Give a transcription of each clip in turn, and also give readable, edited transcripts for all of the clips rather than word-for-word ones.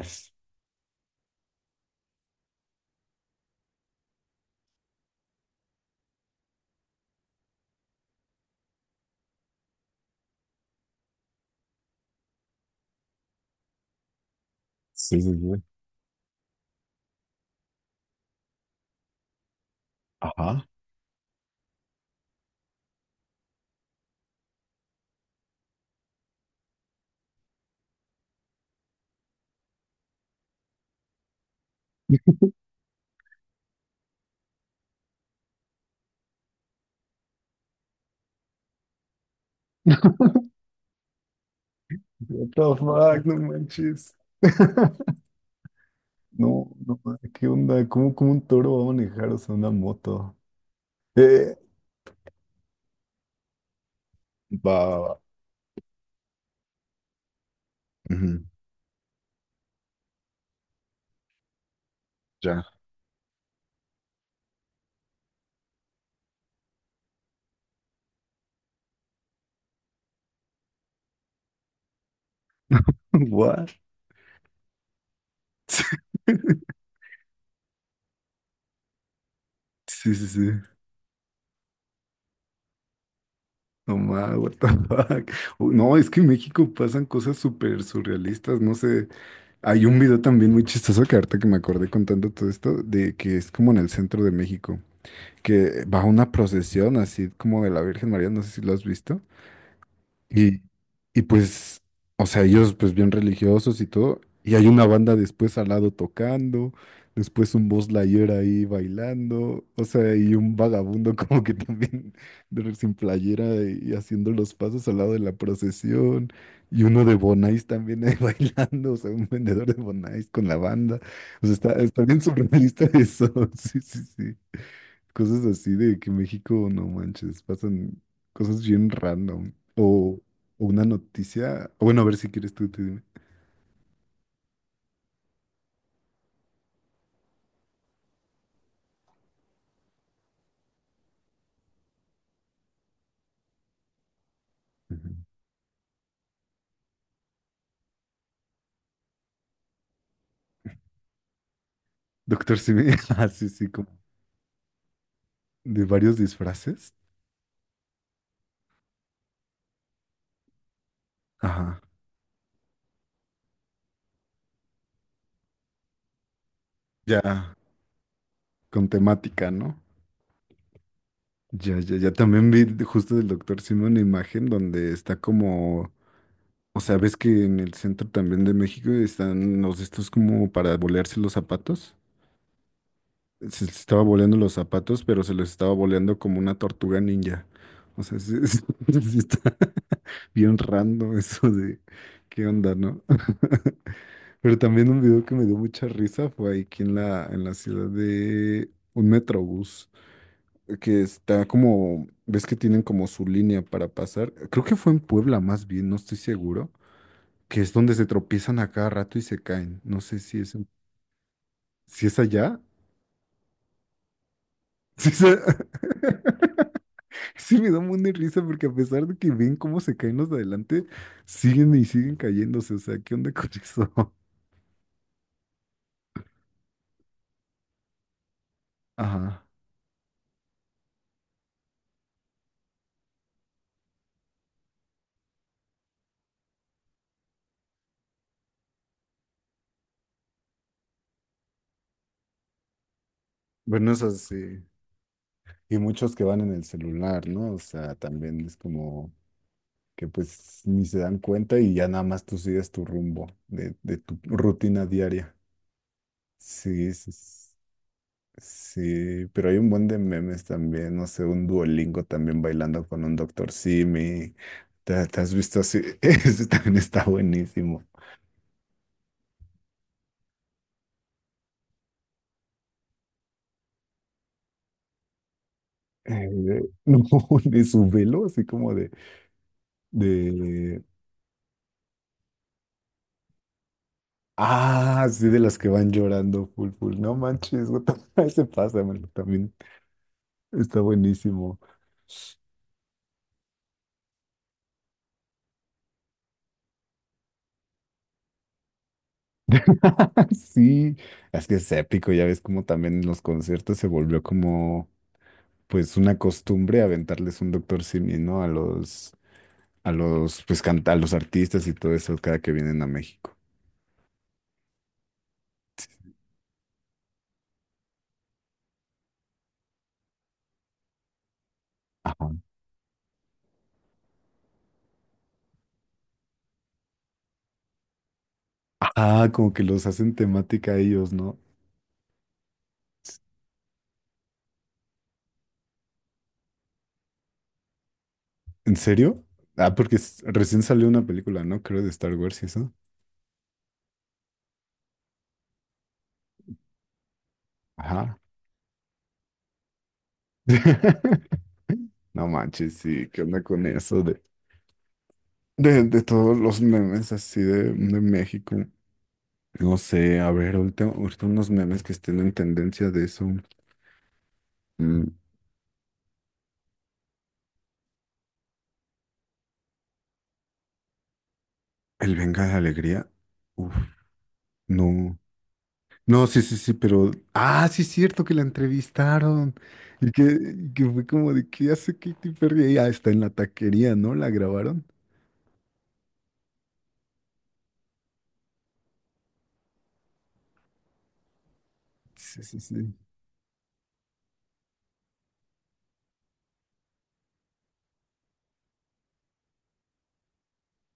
Sí, sí, sí. Ajá. What the fuck, no manches. No, no, ¿qué onda? ¿¿Cómo un toro va a manejar, o sea, ¿una moto? Eh, Va, va, va. Ujú. Ya. What? Sí, sí, sí. No ma, what the fuck. No, es que en México pasan cosas súper surrealistas, no sé. Hay un video también muy chistoso que ahorita que me acordé contando todo esto, de que es como en el centro de México, que va una procesión así como de la Virgen María, no sé si lo has visto. Y, y pues, o sea, ellos pues bien religiosos y todo, y hay una banda después al lado tocando, después un Buzz Lightyear ahí bailando, o sea, y un vagabundo como que también sin playera y haciendo los pasos al lado de la procesión, y uno de Bonais también ahí bailando, o sea, un vendedor de Bonais con la banda, o sea, está bien surrealista eso, sí, sí, sí. Cosas así de que México, no manches, pasan cosas bien random. O una noticia. O bueno, a ver si quieres tú dime. Ujú. Doctor Simi, ah, sí, sí, como de varios disfraces. Ajá. Ya, con temática, ¿no? Ya, ya, ya también vi justo del Doctor Simi una imagen donde está como, o sea, ves que en el centro también de México están los de estos como para bolearse los zapatos. Se les estaba boleando los zapatos, pero se les estaba boleando como una tortuga ninja. O sea, sí, sí está bien random eso de qué onda, ¿no? Pero también un video que me dio mucha risa fue ahí aquí en la ciudad de un metrobús, que está como, ves que tienen como su línea para pasar. Creo que fue en Puebla más bien, no estoy seguro, que es donde se tropiezan a cada rato y se caen. No sé si es allá. Si es a- Sí, me da un buen de risa porque a pesar de que ven cómo se caen los de adelante, siguen y siguen cayéndose. O sea, ¿qué onda con eso? Ajá. Bueno, eso sí. Y muchos que van en el celular, ¿no? O sea, también es como que pues ni se dan cuenta y ya nada más tú sigues tu rumbo de tu rutina diaria. Sí, sí, sí. Pero hay un buen de memes también, no sé, un Duolingo también bailando con un Doctor Simi. ¿Te has visto así? Ese también está buenísimo. Eh, no, de su velo, así como de, de... Ah, sí, de las que van llorando, full, full. No manches, what ese pasa, mano, también está buenísimo. Sí, es que es épico, ya ves como también en los conciertos se volvió como, pues, una costumbre aventarles un Doctor Simi, ¿no? A los, pues, canta, a los artistas y todo eso cada que vienen a México. Ajá. Ajá, como que los hacen temática a ellos, ¿no? ¿En serio? Ah, porque recién salió una película, ¿no? Creo de Star Wars y eso. Ajá. No manches, sí, ¿qué onda con eso de todos los memes así de México? No sé, a ver, ahorita unos memes que estén en tendencia de eso. Mm. El Venga la Alegría. Uf, no. No, sí, sí, sí, pero. Ah, sí, es cierto que la entrevistaron. Y que, y que fue como de, ¿qué hace Katy Perry ahí? Ah, está en la taquería, ¿no? La grabaron. Sí, sí, sí.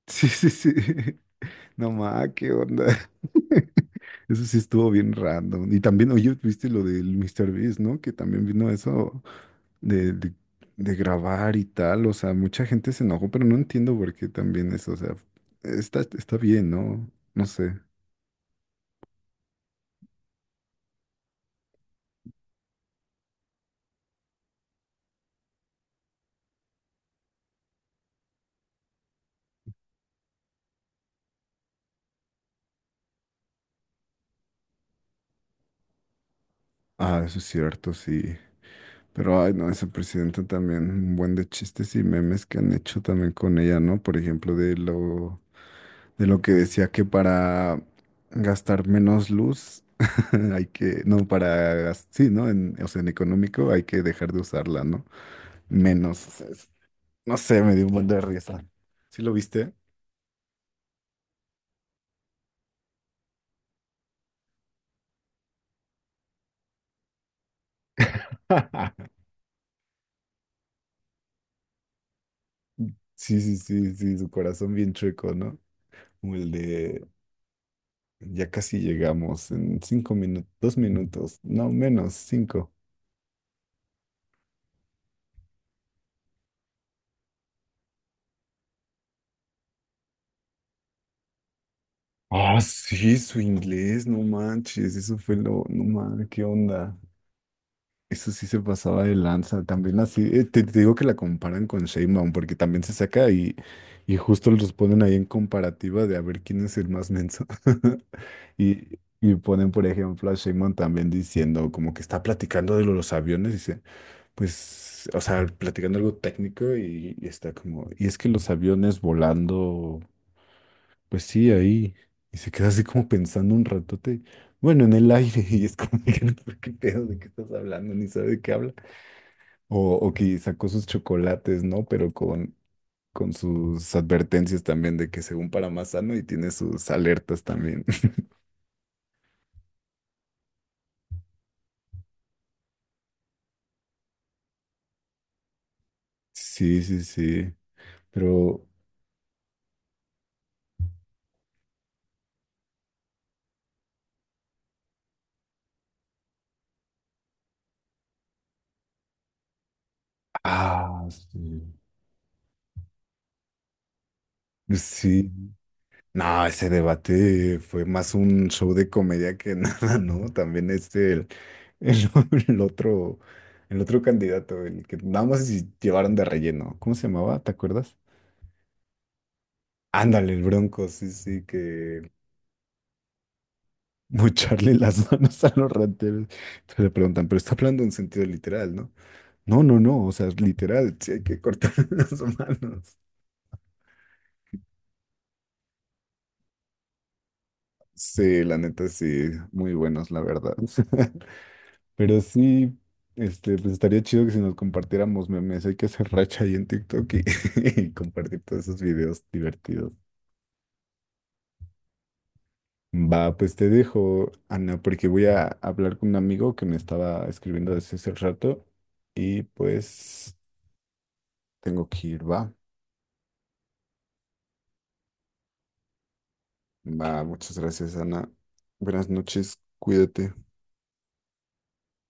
Sí, sí, sí. No ma, qué onda. Eso sí estuvo bien random. Y también, oye, viste lo del Mr. Beast, ¿no? Que también vino eso de, de, de grabar y tal. O sea, mucha gente se enojó, pero no entiendo por qué también eso. O sea, está, está bien, ¿no? No sé. Ah, eso es cierto, sí. Pero, ay, no, esa presidenta también, un buen de chistes y memes que han hecho también con ella, ¿no? Por ejemplo, de lo que decía que para gastar menos luz hay que, no, para, sí, ¿no? En, o sea, en económico hay que dejar de usarla, ¿no? Menos, o sea, no sé, me dio un buen de risa. ¿Sí lo viste? Sí, sí, sí, sí, su corazón bien chueco, ¿no? Como el de, ya casi llegamos en cinco minutos, dos minutos, no, menos, cinco. Ah, sí, su inglés, no manches, eso fue lo, no mames, qué onda. Eso sí se pasaba de lanza. También así, te digo que la comparan con Sheinbaum, porque también se saca y justo los ponen ahí en comparativa de a ver quién es el más menso. Y ponen, por ejemplo, a Sheinbaum también diciendo como que está platicando de los aviones, dice, pues, o sea, platicando algo técnico y está como, y es que los aviones volando. Pues sí, ahí. Y se queda así como pensando un ratote. Bueno, en el aire. Y es como, que, "No, pues, ¿qué pedo? ¿De qué estás hablando?" Ni sabe de qué habla. O, o que sacó sus chocolates, ¿no? Pero con sus advertencias también de que según para más sano y tiene sus alertas también. Sí, sí, sí. Pero, ah, sí. Sí, no, ese debate fue más un show de comedia que nada, ¿no? También este, el, el- el otro, el otro candidato, el que nada más si llevaron de relleno. ¿Cómo se llamaba? ¿Te acuerdas? Ándale, el Bronco, sí, sí, que mocharle las manos a los rateros. Entonces le preguntan, pero está hablando en sentido literal, ¿no? No, no, no, o sea, literal, sí hay que cortar las manos. Sí, la neta, sí, muy buenos, la verdad. Pero sí, este, pues estaría chido que si nos compartiéramos memes, hay que hacer racha ahí en TikTok y, y compartir todos esos videos divertidos. Va, pues te dejo, Ana, porque voy a hablar con un amigo que me estaba escribiendo desde hace rato y pues tengo que ir, va. Va, muchas gracias, Ana. Buenas noches, cuídate.